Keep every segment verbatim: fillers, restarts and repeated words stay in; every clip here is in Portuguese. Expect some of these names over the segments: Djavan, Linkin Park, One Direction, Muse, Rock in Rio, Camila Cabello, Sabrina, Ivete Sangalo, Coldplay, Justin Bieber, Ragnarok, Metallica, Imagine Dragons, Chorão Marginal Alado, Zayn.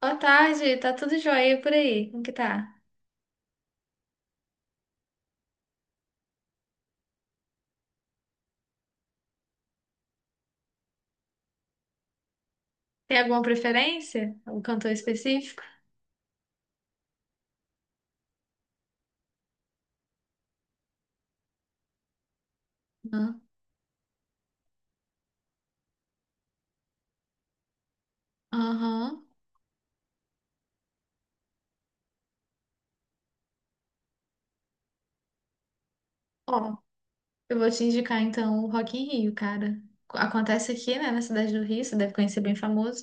Boa tarde, tá tudo jóia e por aí? Como que tá? Tem alguma preferência? Algum cantor específico? Não. Aham. Ó, eu vou te indicar então o Rock in Rio, cara. Acontece aqui, né, na cidade do Rio, você deve conhecer bem famoso.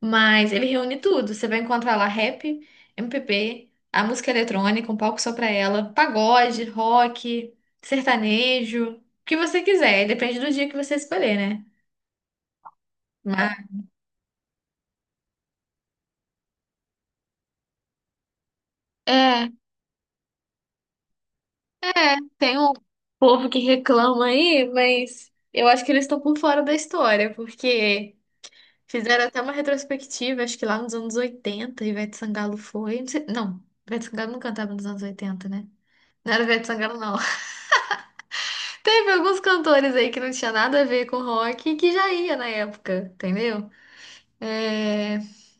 Mas ele reúne tudo. Você vai encontrar lá rap, M P B, a música eletrônica, um palco só pra ela, pagode, rock, sertanejo, o que você quiser. Depende do dia que você escolher, né? Mas... É, É, tem um povo que reclama aí, mas eu acho que eles estão por fora da história, porque fizeram até uma retrospectiva, acho que lá nos anos oitenta, Ivete Sangalo foi. Não, sei- não, Ivete Sangalo não cantava nos anos oitenta, né? Não era Ivete Sangalo, não. Teve alguns cantores aí que não tinha nada a ver com rock que já ia na época, entendeu? É,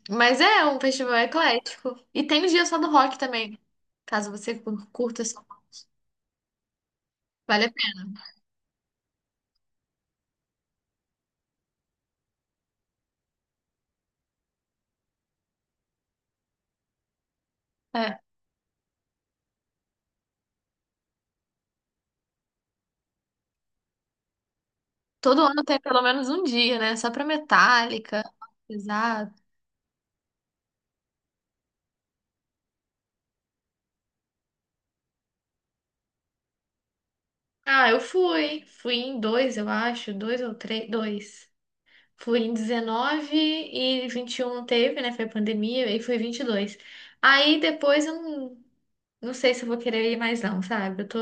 mas é um festival eclético. E tem os dias só do rock também, caso você curta só. Vale a pena. Todo ano tem pelo menos um dia, né? Só pra Metallica, pesado. Ah, eu fui. Fui em dois, eu acho. Dois ou três. Dois. Fui em dezenove e vinte e um teve, né? Foi pandemia. E fui vinte e dois. Aí depois eu não, não sei se eu vou querer ir mais não, sabe? Eu tô...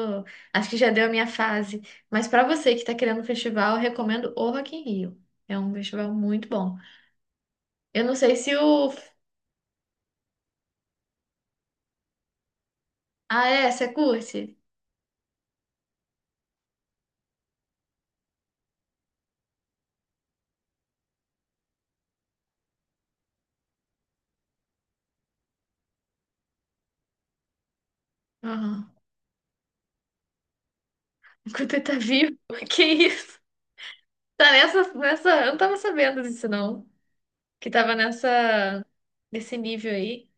Acho que já deu a minha fase. Mas pra você que tá querendo um festival, eu recomendo o Rock in Rio. É um festival muito bom. Eu não sei se o... Ah, é? Você curte? Aham. Enquanto ele tá vivo? Que isso? Tá nessa, nessa. Eu não tava sabendo disso, não. Que tava nessa. Nesse nível aí.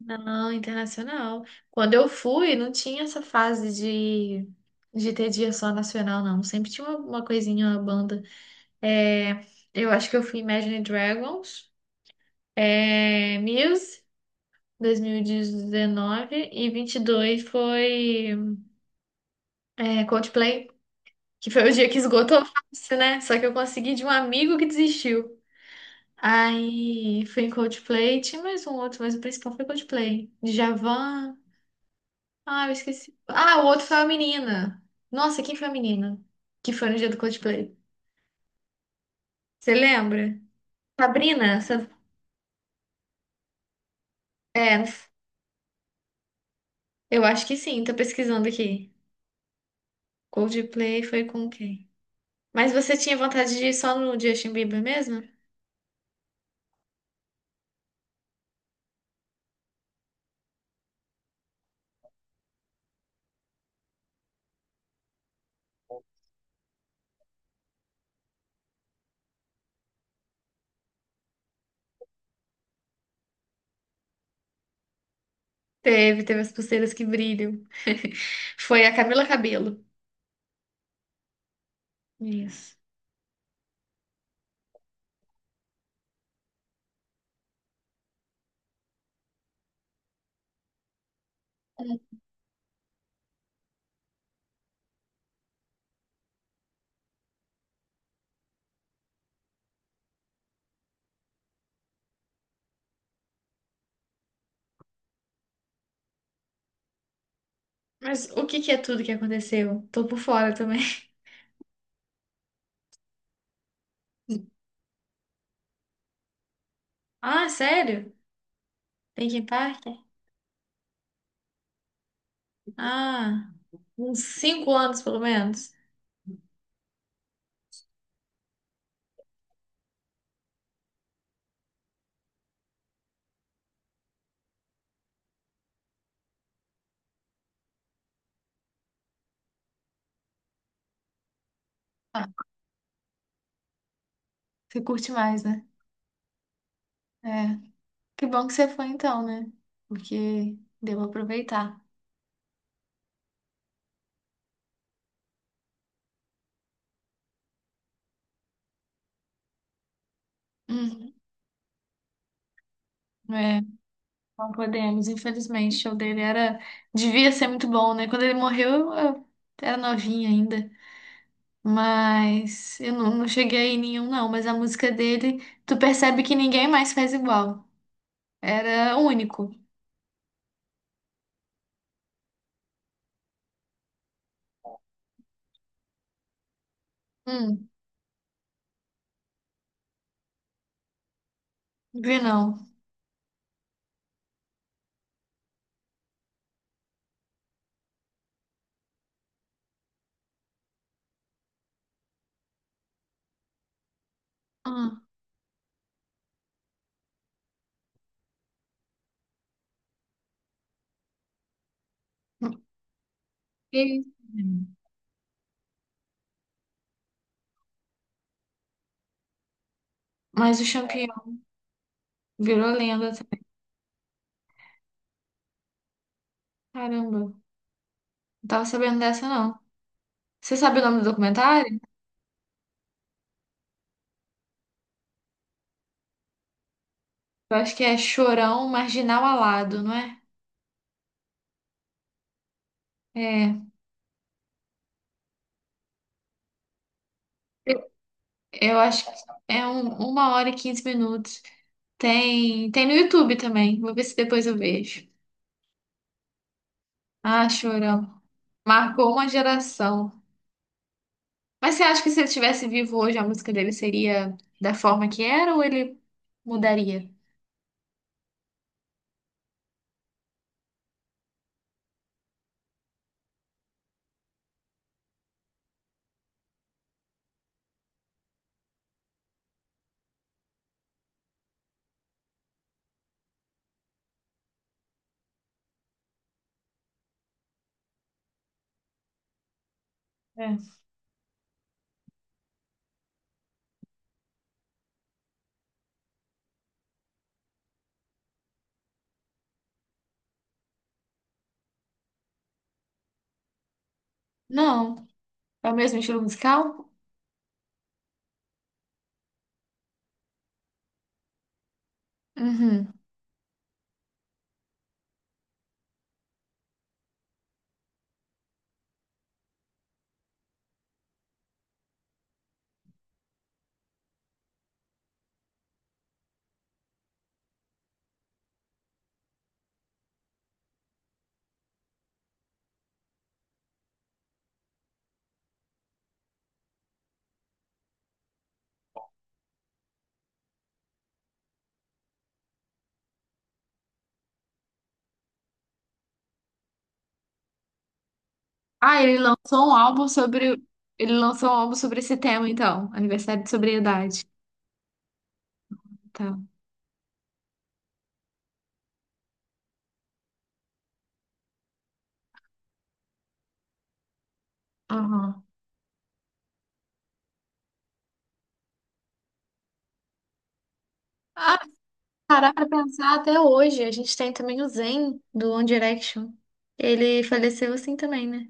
Não, internacional. Quando eu fui, não tinha essa fase de, de ter dia só nacional, não. Sempre tinha uma, uma coisinha, uma banda. É, eu acho que eu fui Imagine Dragons, é, Muse, dois mil e e e vinte e dois foi é, Coldplay. Que foi o dia que esgotou fácil, né? Só que eu consegui de um amigo que desistiu. Aí fui em Coldplay, tinha mais um outro, mas o principal foi Coldplay. Djavan. Ah, eu esqueci. Ah, o outro foi a menina. Nossa, quem foi a menina? Que foi no dia do Coldplay. Você lembra? Sabrina? Sa- É, eu acho que sim, tô pesquisando aqui. Coldplay foi com quem? Mas você tinha vontade de ir só no Justin Bieber mesmo? Teve, teve as pulseiras que brilham. Foi a Camila Cabello. Isso. Mas o que que é tudo que aconteceu? Tô por fora também. Ah, sério? Linkin Park? Ah, uns cinco anos pelo menos. Ah, você curte mais, né? É. Que bom que você foi então, né? Porque deu aproveitar. Uhum. É, não podemos, infelizmente. O show dele era. Devia ser muito bom, né? Quando ele morreu, eu, eu era novinha ainda. Mas eu não, não cheguei em nenhum, não. Mas a música dele, tu percebe que ninguém mais faz igual. Era único. Hum. Vinão. Ah, que isso, menina? Mas o champignon virou lenda também. Caramba, não tava sabendo dessa, não. Você sabe o nome do documentário? Eu acho que é Chorão Marginal Alado, não é? É. Eu eu acho que é um, uma hora e quinze minutos. Tem, tem no YouTube também. Vou ver se depois eu vejo. Ah, Chorão. Marcou uma geração. Mas você acha que se ele estivesse vivo hoje, a música dele seria da forma que era ou ele mudaria? É. Não. É o mesmo estilo musical? Uhum. Ah, ele lançou um álbum sobre. Ele lançou um álbum sobre esse tema, então. Aniversário de sobriedade. Tá. Aham. Ah, parar pra pensar até hoje. A gente tem também o Zayn, do One Direction. Ele faleceu assim também, né?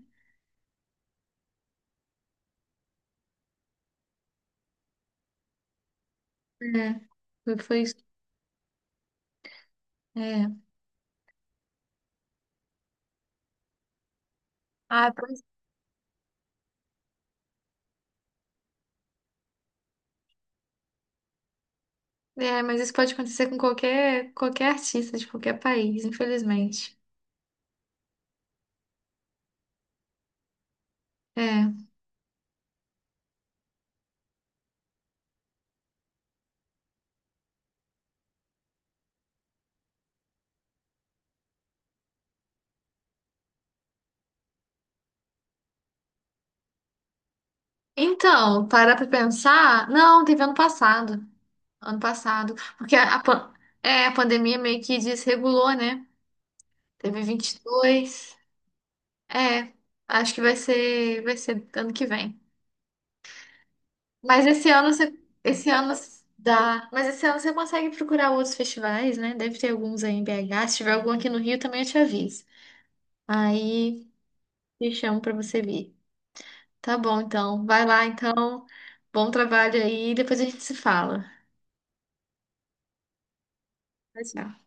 É. Foi foi isso. É. Ah, pois é, mas isso pode acontecer com qualquer, qualquer artista de qualquer país, infelizmente. É. Então, parar pra pensar. Não, teve ano passado. Ano passado. Porque a, a pan- é, a pandemia meio que desregulou, né? Teve vinte e dois. É, acho que vai ser, vai ser ano que vem. Mas esse ano você, esse ano dá. Mas esse ano você consegue procurar outros festivais, né? Deve ter alguns aí em B H. Se tiver algum aqui no Rio, também eu te aviso. Aí te chamo pra você vir. Tá bom, então. Vai lá, então. Bom trabalho aí. Depois a gente se fala. Tchau, tchau.